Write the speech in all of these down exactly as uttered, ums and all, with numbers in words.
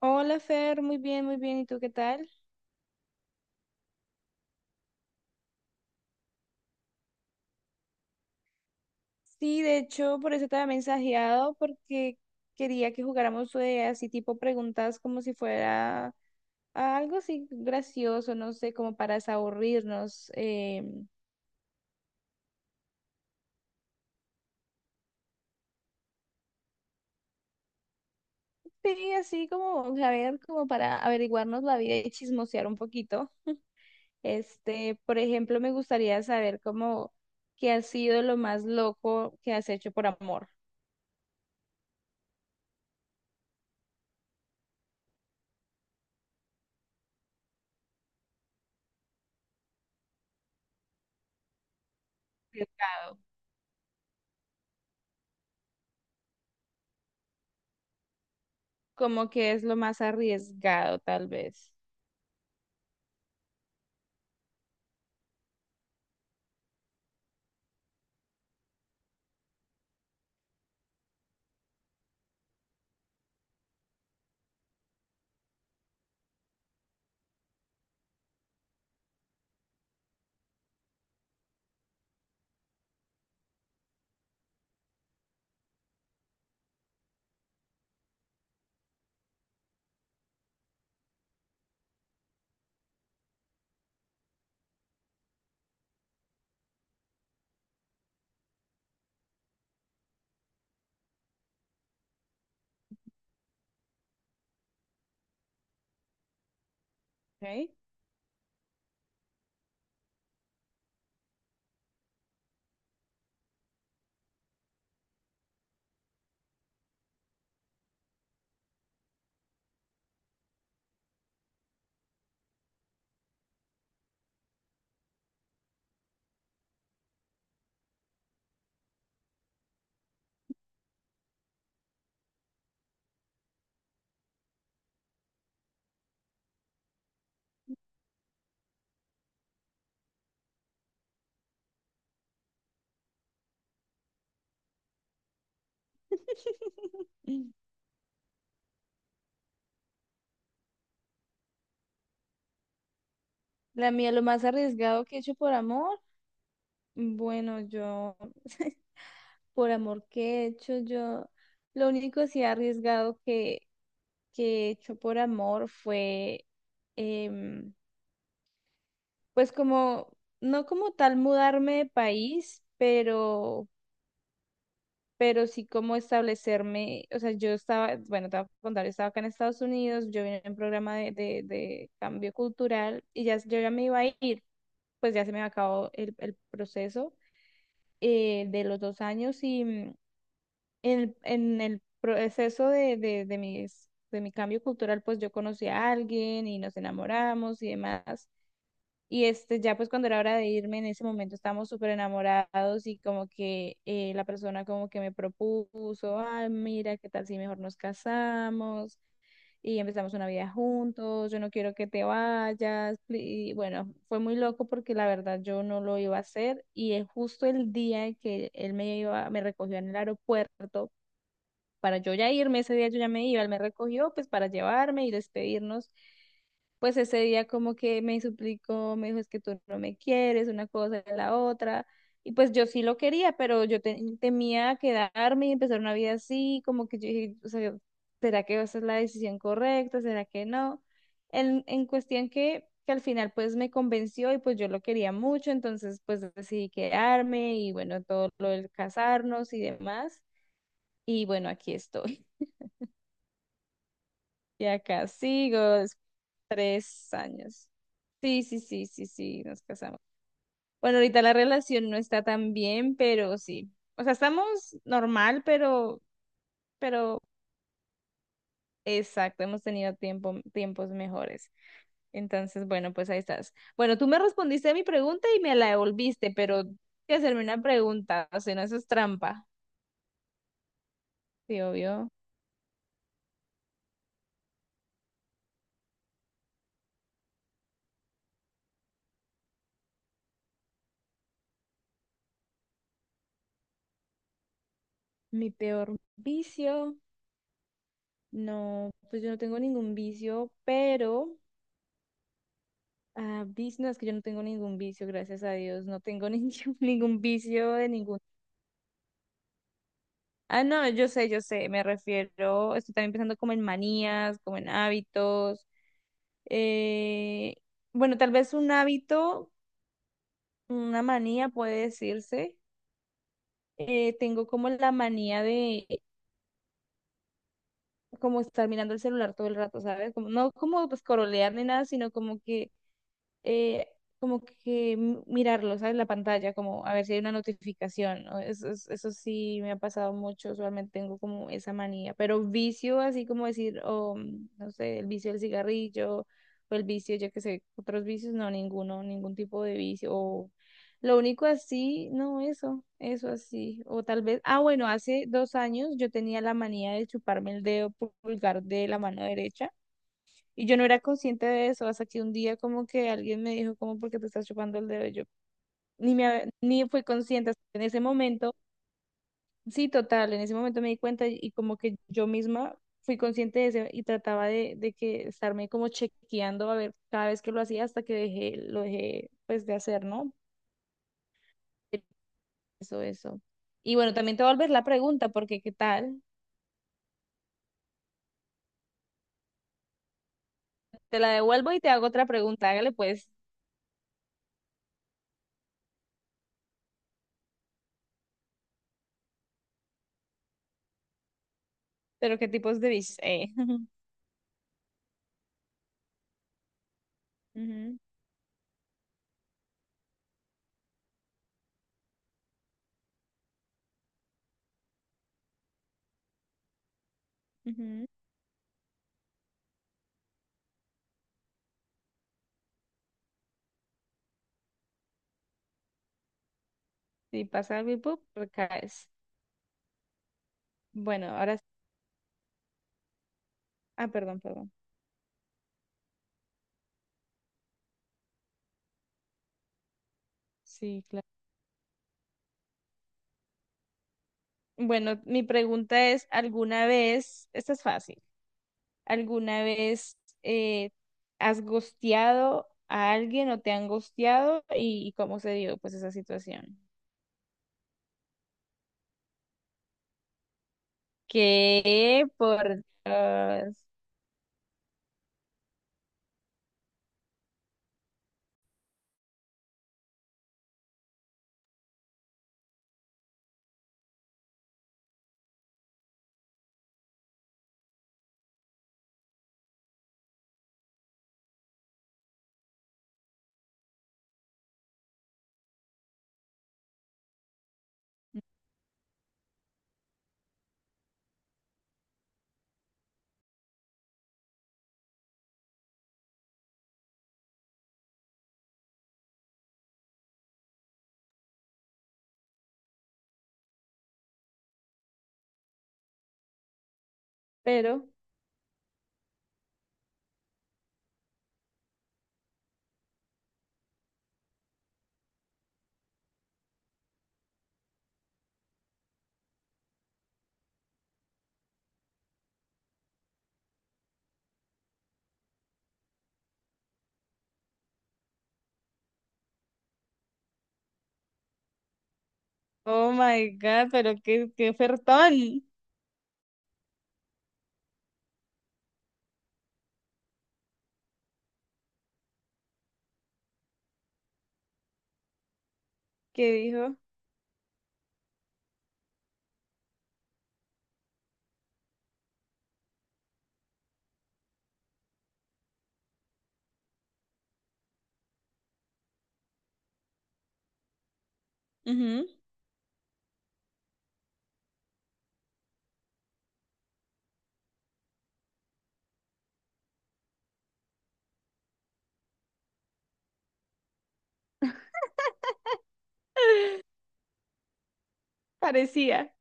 Hola Fer, muy bien, muy bien. ¿Y tú qué tal? Sí, de hecho, por eso te había mensajeado, porque quería que jugáramos, eh, así tipo preguntas como si fuera algo así gracioso, no sé, como para desaburrirnos. Eh, sí, así como, a ver, como para averiguarnos la vida y chismosear un poquito. Este, por ejemplo, me gustaría saber cómo, qué ha sido lo más loco que has hecho por amor. Arriesgado. Como que es lo más arriesgado, tal vez. Ok. La mía, lo más arriesgado que he hecho por amor. Bueno, yo, por amor que he hecho, yo, lo único así arriesgado que, que he hecho por amor fue, em, pues como, no como tal mudarme de país, pero pero sí como establecerme. O sea, yo estaba, bueno, te voy a contar, yo estaba acá en Estados Unidos, yo vine en un programa de, de, de cambio cultural y ya yo ya me iba a ir, pues ya se me acabó el, el proceso, eh, de los dos años y mm, en, en el proceso de, de, de mis- de mi cambio cultural, pues yo conocí a alguien y nos enamoramos y demás. Y este, ya pues cuando era hora de irme, en ese momento estábamos súper enamorados y como que, eh, la persona como que me propuso, ay, mira, ¿qué tal si mejor nos casamos y empezamos una vida juntos? Yo no quiero que te vayas. Y bueno, fue muy loco porque la verdad yo no lo iba a hacer y, eh, justo el día que él me iba, me recogió en el aeropuerto para yo ya irme. Ese día yo ya me iba, él me recogió pues para llevarme y despedirnos. Pues ese día como que me suplicó, me dijo, es que tú no me quieres, una cosa y la otra. Y pues yo sí lo quería, pero yo te- temía quedarme y empezar una vida así, como que yo dije, o sea, ¿será que esa es la decisión correcta? ¿Será que no? En, en cuestión que, que al final pues me convenció y pues yo lo quería mucho, entonces pues decidí quedarme y bueno, todo lo del casarnos y demás. Y bueno, aquí estoy. Y acá sigo, des- tres años. Sí, sí, sí, sí, sí, nos casamos. Bueno, ahorita la relación no está tan bien, pero sí. O sea, estamos normal, pero, pero exacto, hemos tenido tiempo, tiempos mejores. Entonces, bueno, pues ahí estás. Bueno, tú me respondiste a mi pregunta y me la devolviste, pero tienes que hacerme una pregunta, o sea, no, eso es trampa. Sí, obvio. Mi peor vicio. No, pues yo no tengo ningún vicio, pero... Ah, vic- no, es que yo no tengo ningún vicio, gracias a Dios, no tengo ningún, ningún vicio de ningún. Ah, no, yo sé, yo sé, me refiero, estoy también pensando como en manías, como en hábitos. Eh, bueno, tal vez un hábito, una manía puede decirse. Eh, tengo como la manía de como estar mirando el celular todo el rato, ¿sabes? Como, no como pues corolear ni nada, sino como que, eh, como que m- mirarlo, ¿sabes? La pantalla, como a ver si hay una notificación, ¿no? Eso, es- eso sí me ha pasado mucho, usualmente tengo como esa manía, pero vicio, así como decir, o mm, no sé, el vicio del cigarrillo o el vicio, yo qué sé, otros vicios, no, ninguno, ningún tipo de vicio. O lo único así, no, eso, eso así. O tal vez, ah, bueno, hace dos años yo tenía la manía de chuparme el dedo pulgar de la mano derecha y yo no era consciente de eso, hasta que un día como que alguien me dijo, como, ¿por qué te estás chupando el dedo? Y Yo ni me, hab- ni fui consciente en ese momento. Sí, total, en ese momento me di cuenta y, y como que yo misma fui consciente de eso y trataba de, de que estarme como chequeando a ver cada vez que lo hacía hasta que dejé, lo dejé pues de hacer, ¿no? Eso, eso. Y bueno, también te voy a volver la pregunta, porque ¿qué tal? Te la devuelvo y te hago otra pregunta, hágale pues. Pero ¿qué tipos de bichos? Eh. Ujú, ujú. Si pasa algo y ¡pup!, recaes. Bueno, ahora. s- Ah, perdón, perdón. Sí, claro. Bueno, mi pregunta es: ¿alguna vez, esta es fácil, ¿alguna vez eh, has gosteado a alguien o te han gosteado y, y cómo se dio pues esa situación? ¿Qué? Por Dios. Pero, oh my God, pero qué, qué ofertón. Que dijo? Ujú. Parecía.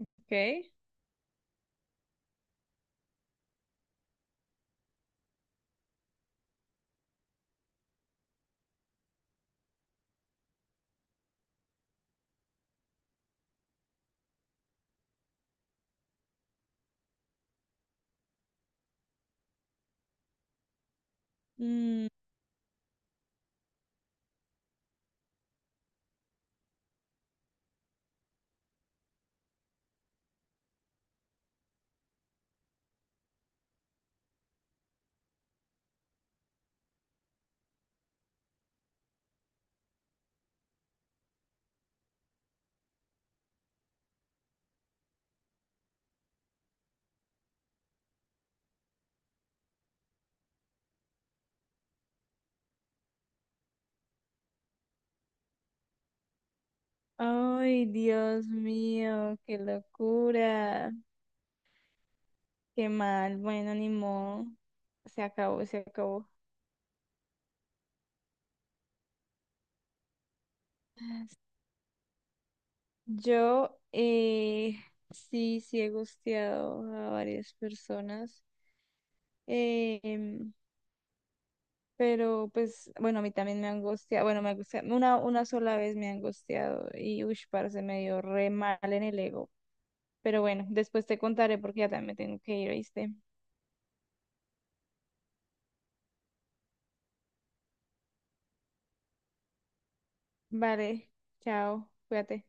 Ok. Mm. Ay, Dios mío, qué locura. Qué mal. Bueno, ni modo. Se acabó, se acabó. Yo, eh, sí, sí he gusteado a varias personas. Eh, em, pero pues, bueno, a mí también me han gusteado. Bueno, me gusta... Una, una sola vez me han gusteado. Y uy, parce, me dio re mal en el ego. Pero bueno, después te contaré porque ya también me tengo que ir, ¿oíste? Vale, chao, cuídate.